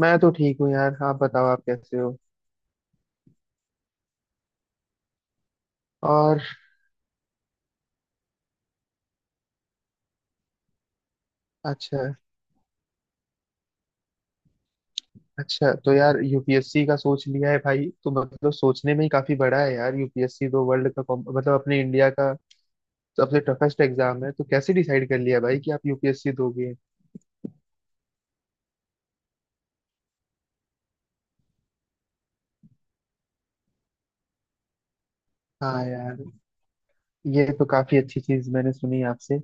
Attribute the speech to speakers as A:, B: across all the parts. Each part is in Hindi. A: मैं तो ठीक हूँ यार। आप बताओ, आप कैसे हो? और अच्छा, अच्छा तो यार, यूपीएससी का सोच लिया है भाई। तो मतलब सोचने में ही काफी बड़ा है यार, यूपीएससी तो वर्ल्ड का मतलब अपने इंडिया का सबसे टफेस्ट एग्जाम है। तो कैसे डिसाइड कर लिया भाई कि आप यूपीएससी दोगे? हाँ यार, ये तो काफी अच्छी चीज मैंने सुनी आपसे।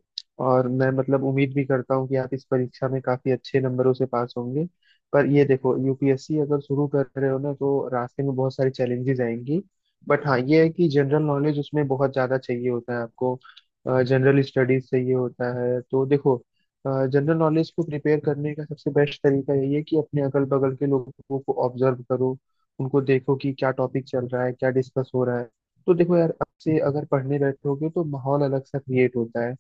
A: और मैं मतलब उम्मीद भी करता हूँ कि आप इस परीक्षा में काफी अच्छे नंबरों से पास होंगे। पर ये देखो, यूपीएससी अगर शुरू कर रहे हो ना, तो रास्ते में बहुत सारी चैलेंजेस आएंगी। बट हाँ, ये है कि जनरल नॉलेज उसमें बहुत ज्यादा चाहिए होता है आपको, जनरल स्टडीज चाहिए होता है। तो देखो, जनरल नॉलेज को प्रिपेयर करने का सबसे बेस्ट तरीका यही है कि अपने अगल बगल के लोगों को ऑब्जर्व करो। उनको देखो कि क्या टॉपिक चल रहा है, क्या डिस्कस हो रहा है। तो देखो यार, आपसे अगर पढ़ने बैठोगे तो माहौल अलग सा क्रिएट होता है।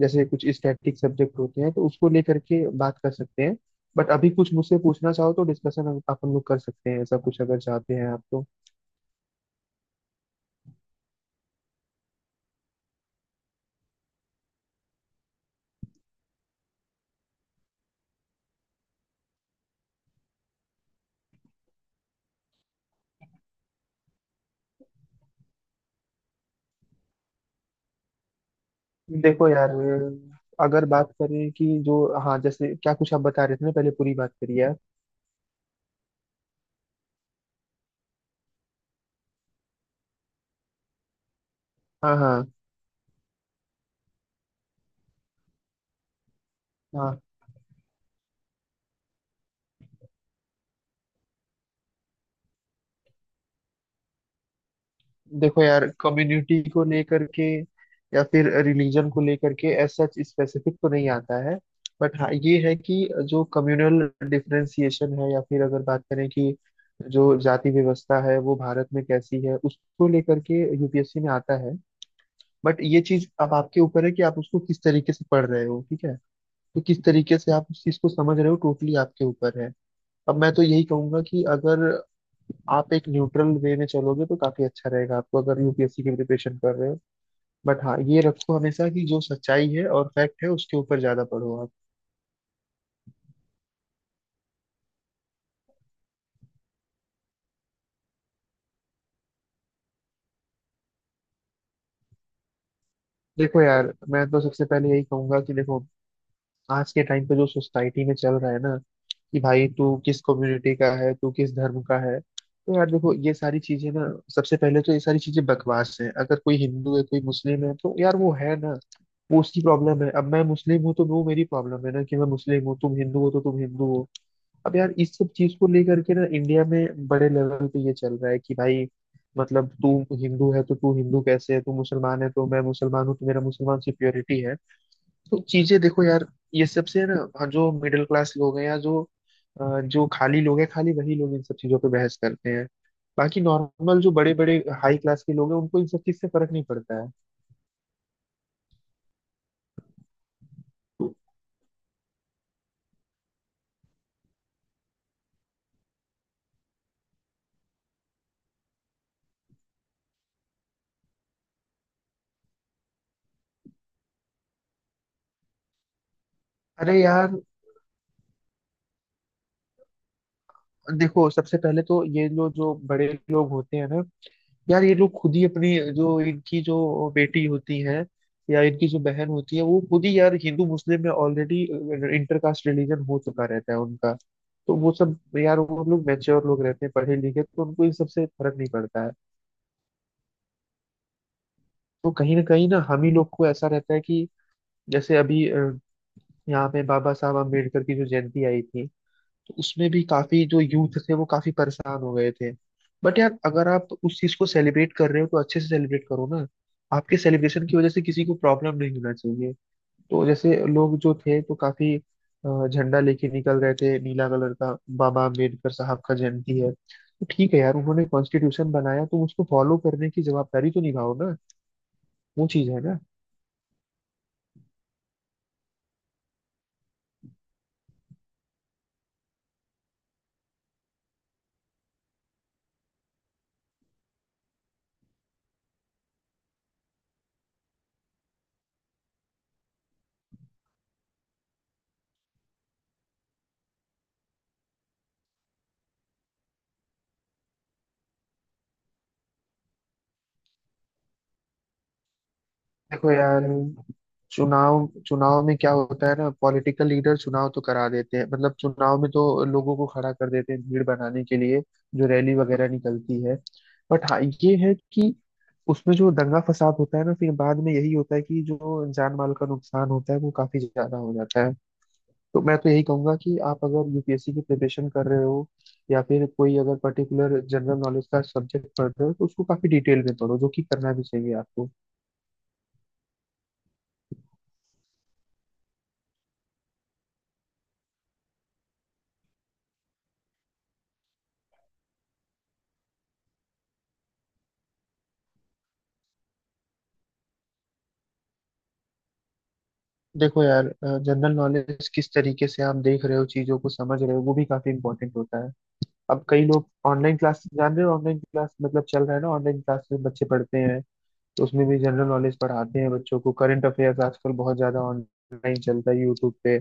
A: जैसे कुछ स्टैटिक सब्जेक्ट होते हैं तो उसको लेकर के बात कर सकते हैं। बट अभी कुछ मुझसे पूछना चाहो तो डिस्कशन हम अपन लोग कर सकते हैं, ऐसा कुछ अगर चाहते हैं आप तो। देखो यार, अगर बात करें कि जो, हाँ जैसे, क्या कुछ आप बता रहे थे ना, पहले पूरी बात करिए आप। हाँ हाँ हाँ। देखो यार, कम्युनिटी को लेकर के या फिर रिलीजन को लेकर के एज सच स्पेसिफिक तो नहीं आता है। बट हाँ, ये है कि जो कम्युनल डिफरेंसिएशन है या फिर अगर बात करें कि जो जाति व्यवस्था है वो भारत में कैसी है, उसको लेकर के यूपीएससी में आता है। बट ये चीज अब आपके ऊपर है कि आप उसको किस तरीके से पढ़ रहे हो, ठीक है। तो किस तरीके से आप उस चीज को समझ रहे हो टोटली आपके ऊपर है। अब मैं तो यही कहूंगा कि अगर आप एक न्यूट्रल वे में चलोगे तो काफी अच्छा रहेगा आपको, अगर यूपीएससी की प्रिपरेशन कर रहे हो। बट हाँ, ये रखो हमेशा कि जो सच्चाई है और फैक्ट है उसके ऊपर ज्यादा पढ़ो आप। देखो यार, मैं तो सबसे पहले यही कहूंगा कि देखो, आज के टाइम पे जो सोसाइटी में चल रहा है ना, कि भाई तू किस कम्युनिटी का है, तू किस धर्म का है। तो यार देखो ये सारी चीजें ना, सबसे पहले तो ये सारी चीजें बकवास है। अगर कोई हिंदू है कोई मुस्लिम है तो यार वो है ना, वो उसकी प्रॉब्लम है। अब मैं मुस्लिम हूँ तो वो मेरी प्रॉब्लम है ना कि मैं मुस्लिम हूँ, तुम हिंदू हो तो तुम हिंदू हो। अब यार इस सब चीज को लेकर के ना इंडिया में बड़े लेवल पे ये चल रहा है कि भाई मतलब तू हिंदू है तो तू हिंदू कैसे है, तू मुसलमान है तो मैं मुसलमान हूँ तो मेरा मुसलमान सिक्योरिटी है। तो चीजें देखो यार, ये सबसे ना, हाँ, जो मिडिल क्लास लोग हैं या जो जो खाली लोग हैं, खाली वही लोग इन सब चीजों पे बहस करते हैं। बाकी नॉर्मल जो बड़े बड़े हाई क्लास के लोग हैं उनको इन सब चीज से फर्क नहीं पड़ता है। अरे यार देखो, सबसे पहले तो ये लोग जो बड़े लोग होते हैं ना, यार ये लोग खुद ही अपनी जो, इनकी जो बेटी होती है या इनकी जो बहन होती है, वो खुद ही यार हिंदू मुस्लिम में ऑलरेडी इंटर कास्ट रिलीजन हो चुका रहता है उनका। तो वो सब यार, वो लोग मैच्योर लोग रहते हैं, पढ़े लिखे, तो उनको इन सबसे फर्क नहीं पड़ता है। तो कहीं ना हम ही लोग को ऐसा रहता है कि जैसे अभी यहाँ पे बाबा साहब अम्बेडकर की जो जयंती आई थी, तो उसमें भी काफी जो यूथ थे वो काफी परेशान हो गए थे। बट यार, अगर आप उस चीज को सेलिब्रेट कर रहे हो तो अच्छे से सेलिब्रेट करो ना। आपके सेलिब्रेशन की वजह से किसी को प्रॉब्लम नहीं होना चाहिए। तो जैसे लोग जो थे तो काफी झंडा लेके निकल गए थे नीला कलर का। बाबा अम्बेडकर साहब का जयंती है तो ठीक है यार, उन्होंने कॉन्स्टिट्यूशन बनाया तो उसको फॉलो करने की जवाबदारी तो निभाओ ना, वो चीज है ना। देखो यार, चुनाव, चुनाव में क्या होता है ना, पॉलिटिकल लीडर चुनाव तो करा देते हैं, मतलब चुनाव में तो लोगों को खड़ा कर देते हैं भीड़ बनाने के लिए, जो रैली वगैरह निकलती है। बट हाँ, ये है कि उसमें जो दंगा फसाद होता है ना फिर बाद में, यही होता है कि जो जान माल का नुकसान होता है वो काफी ज्यादा हो जाता है। तो मैं तो यही कहूंगा कि आप अगर यूपीएससी की प्रिपरेशन कर रहे हो या फिर कोई अगर पर्टिकुलर जनरल नॉलेज का सब्जेक्ट पढ़ रहे हो तो उसको काफी डिटेल में पढ़ो, जो कि करना भी चाहिए आपको। देखो यार, जनरल नॉलेज किस तरीके से आप देख रहे हो, चीजों को समझ रहे हो, वो भी काफी इंपॉर्टेंट होता है। अब कई लोग ऑनलाइन क्लास जान रहे हो, ऑनलाइन क्लास मतलब चल रहा है ना, ऑनलाइन क्लास में बच्चे पढ़ते हैं। तो उसमें भी जनरल नॉलेज पढ़ाते हैं बच्चों को, करंट अफेयर्स आजकल बहुत ज्यादा ऑनलाइन चलता है यूट्यूब पे।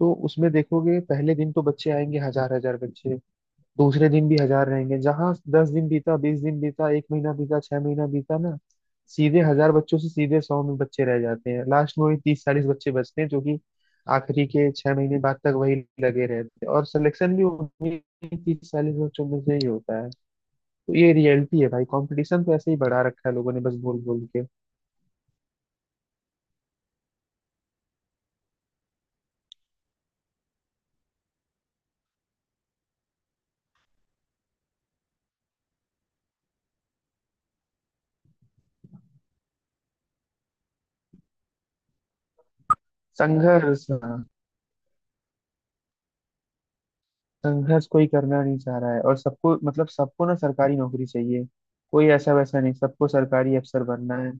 A: तो उसमें देखोगे पहले दिन तो बच्चे आएंगे हजार हजार बच्चे, दूसरे दिन भी हजार रहेंगे, जहां 10 दिन बीता, 20 दिन बीता, एक महीना बीता, 6 महीना बीता ना, सीधे हजार बच्चों से सीधे सौ में बच्चे रह जाते हैं। लास्ट में वही 30-40 बच्चे बचते हैं, जो कि आखिरी के 6 महीने बाद तक वही लगे रहते हैं, और सिलेक्शन भी उन्हीं 30-40 बच्चों में से ही होता है। तो ये रियलिटी है भाई, कंपटीशन तो ऐसे ही बढ़ा रखा है लोगों ने बस बोल बोल के। संघर्ष, हाँ, संघर्ष कोई करना नहीं चाह रहा है और सबको, मतलब सबको ना सरकारी नौकरी चाहिए। कोई ऐसा वैसा नहीं, सबको सरकारी अफसर बनना है।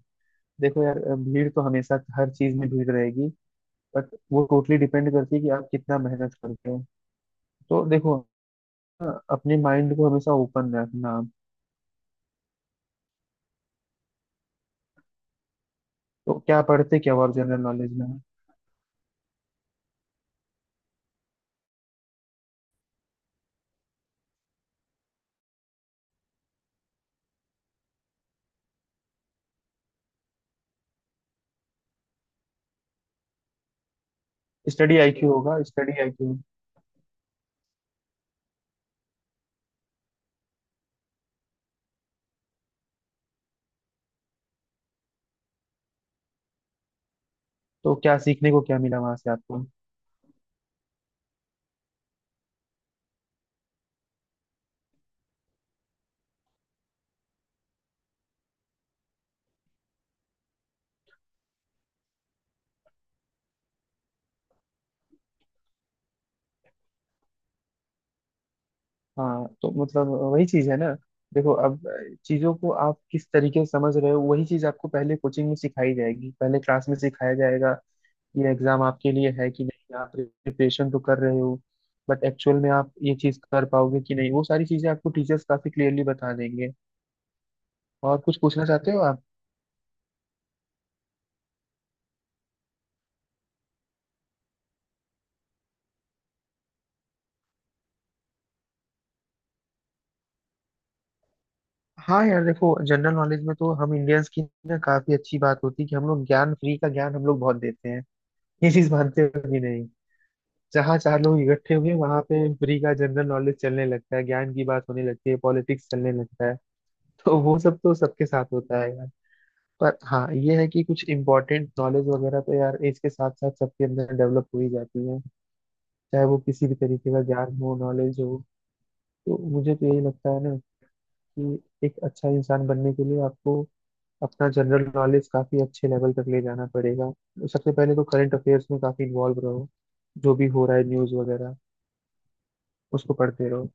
A: देखो यार, भीड़ तो हमेशा हर चीज में भीड़ रहेगी। बट वो टोटली डिपेंड करती है कि आप कितना मेहनत करते हो। तो देखो ना, अपने माइंड को हमेशा ओपन रखना आप। तो क्या पढ़ते क्या और जनरल नॉलेज में? स्टडी आईक्यू होगा, स्टडी आईक्यू। तो क्या सीखने को क्या मिला वहां से आपको? हाँ तो मतलब वही चीज है ना। देखो अब चीजों को आप किस तरीके से समझ रहे हो, वही चीज आपको पहले कोचिंग में सिखाई जाएगी, पहले क्लास में सिखाया जाएगा। ये एग्जाम आपके लिए है कि नहीं, आप प्रिपरेशन तो कर रहे हो, बट एक्चुअल में आप ये चीज कर पाओगे कि नहीं, वो सारी चीजें आपको टीचर्स काफी क्लियरली बता देंगे। और कुछ पूछना चाहते हो आप? हाँ यार देखो, जनरल नॉलेज में तो हम इंडियंस की ना काफी अच्छी बात होती है कि हम लोग ज्ञान, फ्री का ज्ञान हम लोग बहुत देते हैं। ये चीज मानते हो कि नहीं? जहाँ चार लोग इकट्ठे हुए वहां पे फ्री का जनरल नॉलेज चलने लगता है, ज्ञान की बात होने लगती है, पॉलिटिक्स चलने लगता है। तो वो सब तो सबके साथ होता है। पर हाँ, ये है कि कुछ इम्पोर्टेंट नॉलेज वगैरह तो यार एज के साथ साथ सबके अंदर डेवलप हो ही जाती है, चाहे वो किसी भी तरीके का ज्ञान हो, नॉलेज हो। तो मुझे तो यही लगता है ना कि एक अच्छा इंसान बनने के लिए आपको अपना जनरल नॉलेज काफी अच्छे लेवल तक ले जाना पड़ेगा। सबसे पहले तो करंट अफेयर्स में काफी इन्वॉल्व रहो, जो भी हो रहा है न्यूज वगैरह उसको पढ़ते रहो।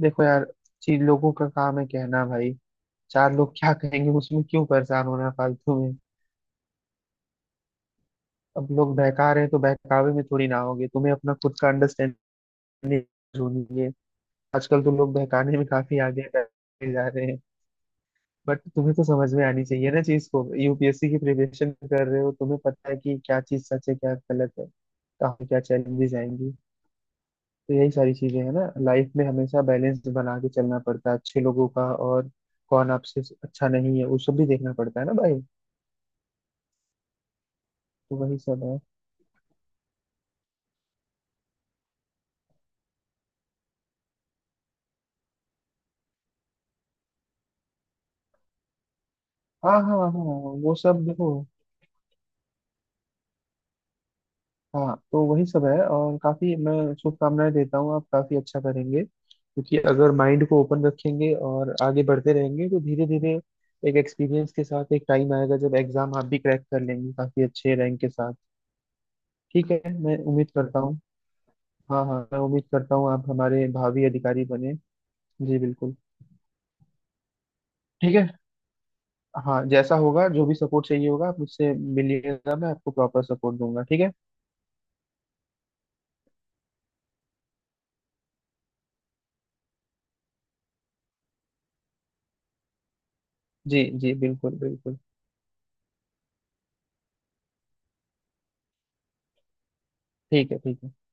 A: देखो यार, चीज लोगों का काम है कहना भाई, चार लोग क्या कहेंगे उसमें क्यों परेशान होना फालतू। अब लोग बहका रहे हैं तो बहकावे में थोड़ी ना होगे, तुम्हें अपना खुद का अंडरस्टैंडिंग होनी है। आजकल तो लोग बहकाने में काफी आगे बढ़ते जा रहे हैं। बट तुम्हें तो समझ में आनी चाहिए ना चीज को, यूपीएससी की प्रिपरेशन कर रहे हो, तुम्हें पता है कि क्या चीज सच है क्या गलत है, कहाँ पे क्या चैलेंजेस आएंगी। तो यही सारी चीजें हैं ना, लाइफ में हमेशा बैलेंस बना के चलना पड़ता है, अच्छे लोगों का और कौन आपसे अच्छा नहीं है वो सब भी देखना पड़ता है ना भाई। तो वही सब है। हाँ हाँ हाँ, वो सब देखो। हाँ तो वही सब है। और काफी मैं शुभकामनाएं देता हूँ, आप काफी अच्छा करेंगे क्योंकि अगर माइंड को ओपन रखेंगे और आगे बढ़ते रहेंगे तो धीरे धीरे एक एक्सपीरियंस के साथ एक टाइम आएगा जब एग्जाम आप भी क्रैक कर लेंगे काफी अच्छे रैंक के साथ। ठीक है, मैं उम्मीद करता हूँ। हाँ हाँ, मैं उम्मीद करता हूँ आप हमारे भावी अधिकारी बने। जी बिल्कुल। ठीक है। हाँ जैसा होगा, जो भी सपोर्ट चाहिए होगा आप मुझसे मिलिएगा, मैं आपको प्रॉपर सपोर्ट दूंगा, ठीक है? जी जी बिल्कुल बिल्कुल। ठीक है। ठीक है।